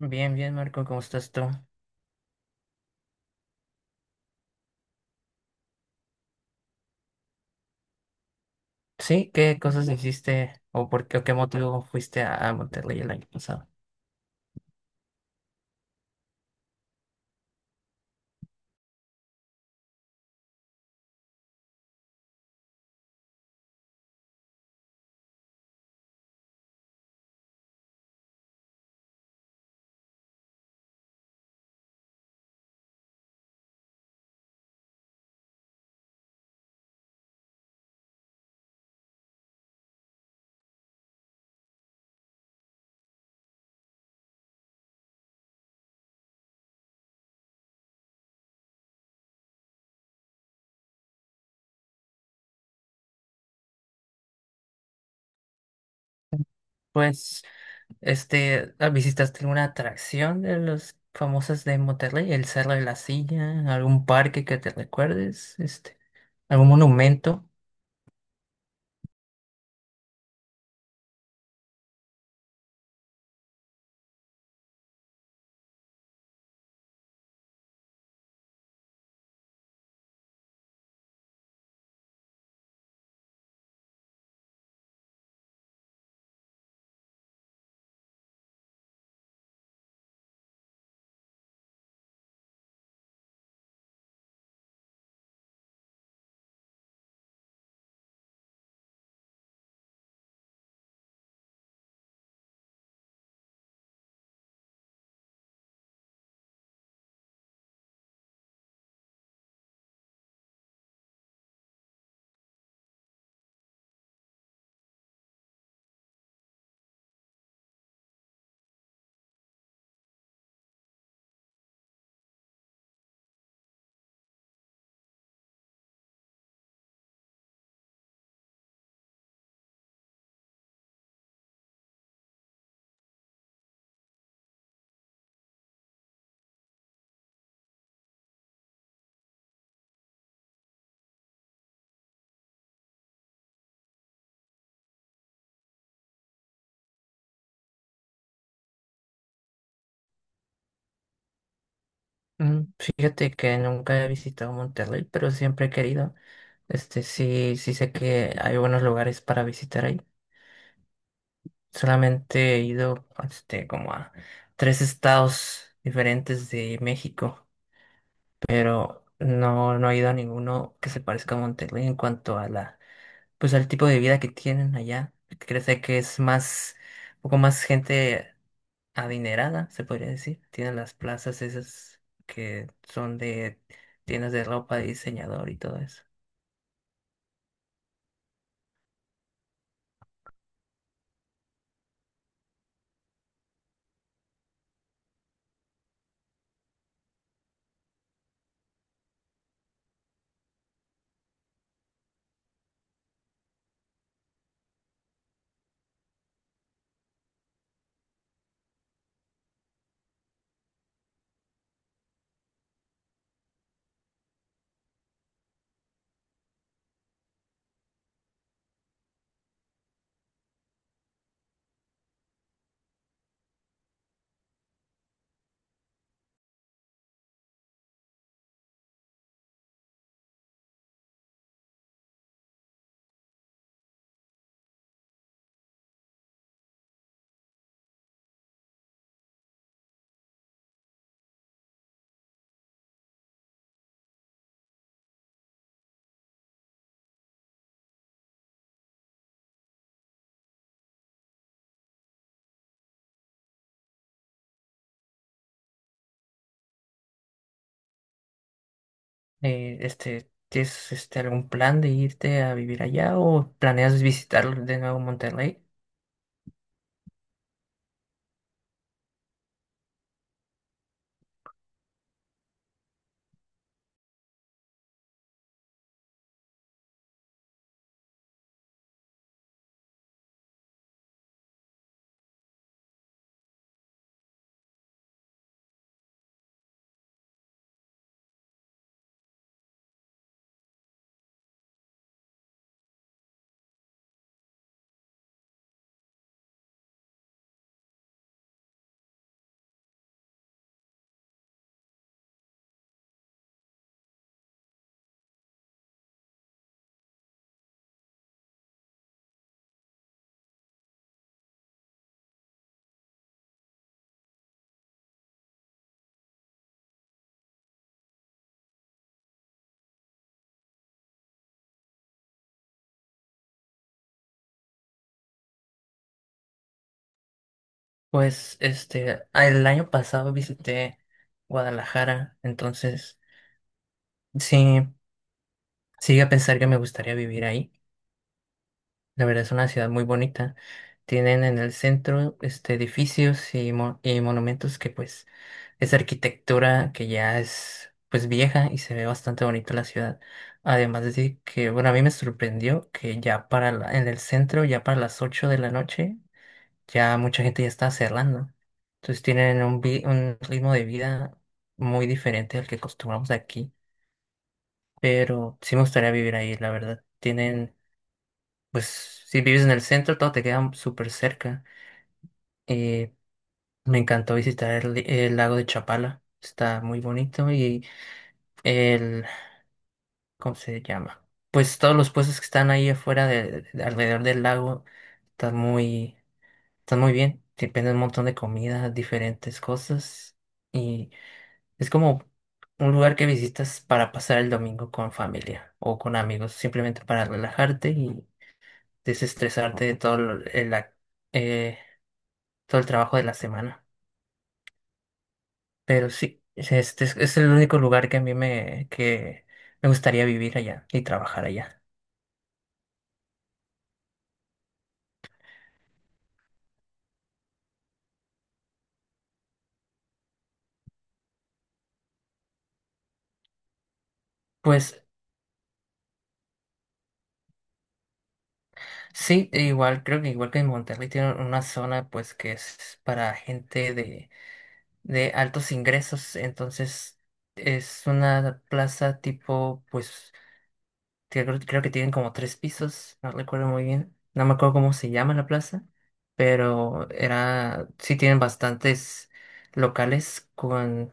Bien, bien, Marco, ¿cómo estás tú? Sí, ¿qué cosas hiciste o por qué o qué motivo fuiste a Monterrey el año pasado? Pues ¿visitaste alguna atracción de los famosos de Monterrey? ¿El Cerro de la Silla? ¿Algún parque que te recuerdes? ¿Algún monumento? Mm, fíjate que nunca he visitado Monterrey, pero siempre he querido. Este, sí, sí sé que hay buenos lugares para visitar ahí. Solamente he ido este, como a tres estados diferentes de México, pero no he ido a ninguno que se parezca a Monterrey en cuanto a la, pues al tipo de vida que tienen allá. Crece que es más, un poco más gente adinerada, se podría decir. Tienen las plazas esas que son de tiendas de ropa, de diseñador y todo eso. ¿Tienes este, algún plan de irte a vivir allá o planeas visitar de nuevo Monterrey? Pues este, el año pasado visité Guadalajara, entonces sí, sí a pensar que me gustaría vivir ahí. La verdad es una ciudad muy bonita. Tienen en el centro este, edificios y, y monumentos que pues es arquitectura que ya es pues vieja y se ve bastante bonita la ciudad. Además de que, bueno, a mí me sorprendió que ya para en el centro, ya para las 8 de la noche, ya mucha gente ya está cerrando. Entonces tienen un, un ritmo de vida muy diferente al que acostumbramos aquí. Pero sí me gustaría vivir ahí, la verdad. Tienen, pues, si vives en el centro, todo te queda súper cerca. Eh, me encantó visitar el lago de Chapala. Está muy bonito y el, ¿cómo se llama? Pues todos los puestos que están ahí afuera, alrededor del lago, están muy, están muy bien. Te venden un montón de comida, diferentes cosas. Y es como un lugar que visitas para pasar el domingo con familia o con amigos, simplemente para relajarte y desestresarte de todo eh, todo el trabajo de la semana. Pero sí, este es el único lugar que que me gustaría vivir allá y trabajar allá. Pues sí, e igual creo que igual que en Monterrey tiene una zona pues que es para gente de altos ingresos, entonces es una plaza tipo pues que creo que tienen como tres pisos, no recuerdo muy bien. No me acuerdo cómo se llama la plaza, pero era, sí tienen bastantes locales con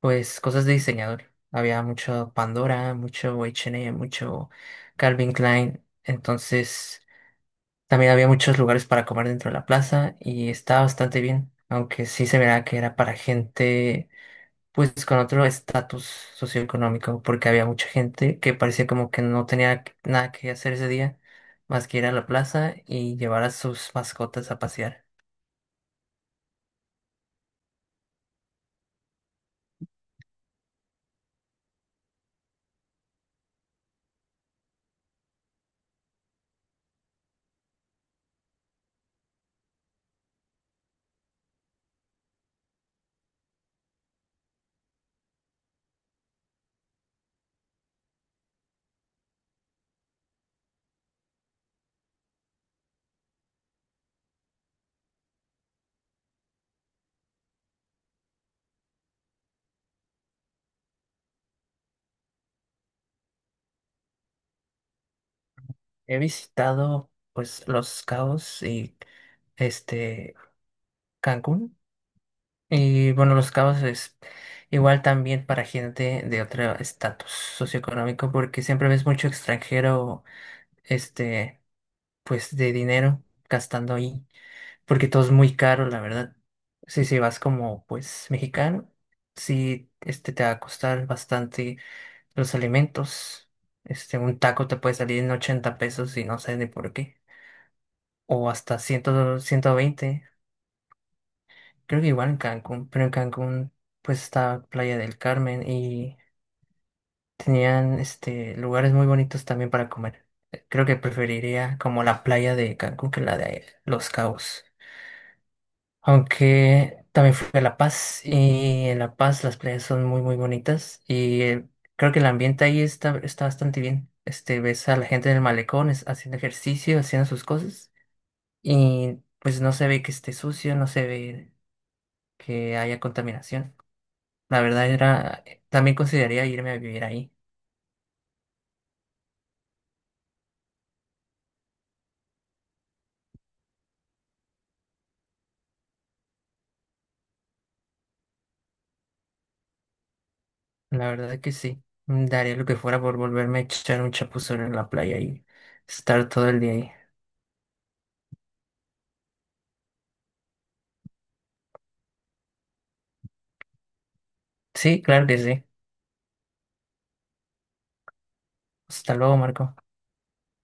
pues cosas de diseñador. Había mucho Pandora, mucho H&M, mucho Calvin Klein. Entonces, también había muchos lugares para comer dentro de la plaza y estaba bastante bien, aunque sí se verá que era para gente pues con otro estatus socioeconómico, porque había mucha gente que parecía como que no tenía nada que hacer ese día, más que ir a la plaza y llevar a sus mascotas a pasear. He visitado pues Los Cabos y este Cancún. Y bueno, Los Cabos es igual también para gente de otro estatus socioeconómico, porque siempre ves mucho extranjero, este, pues de dinero gastando ahí. Porque todo es muy caro, la verdad. Si vas como pues mexicano, sí, este te va a costar bastante los alimentos. Este, un taco te puede salir en 80 pesos y no sé ni por qué. O hasta 100, 120. Creo que igual en Cancún, pero en Cancún pues está Playa del Carmen y tenían este lugares muy bonitos también para comer. Creo que preferiría como la playa de Cancún que la de Los Cabos. Aunque también fui a La Paz y en La Paz las playas son muy bonitas y creo que el ambiente está bastante bien. Este, ves a la gente en el malecón haciendo ejercicio, haciendo sus cosas y pues no se ve que esté sucio, no se ve que haya contaminación. La verdad era, también consideraría irme a vivir ahí. La verdad que sí. Mm, daría lo que fuera por volverme a echar un chapuzón en la playa y estar todo el día ahí. Sí, claro que sí. Hasta luego, Marco.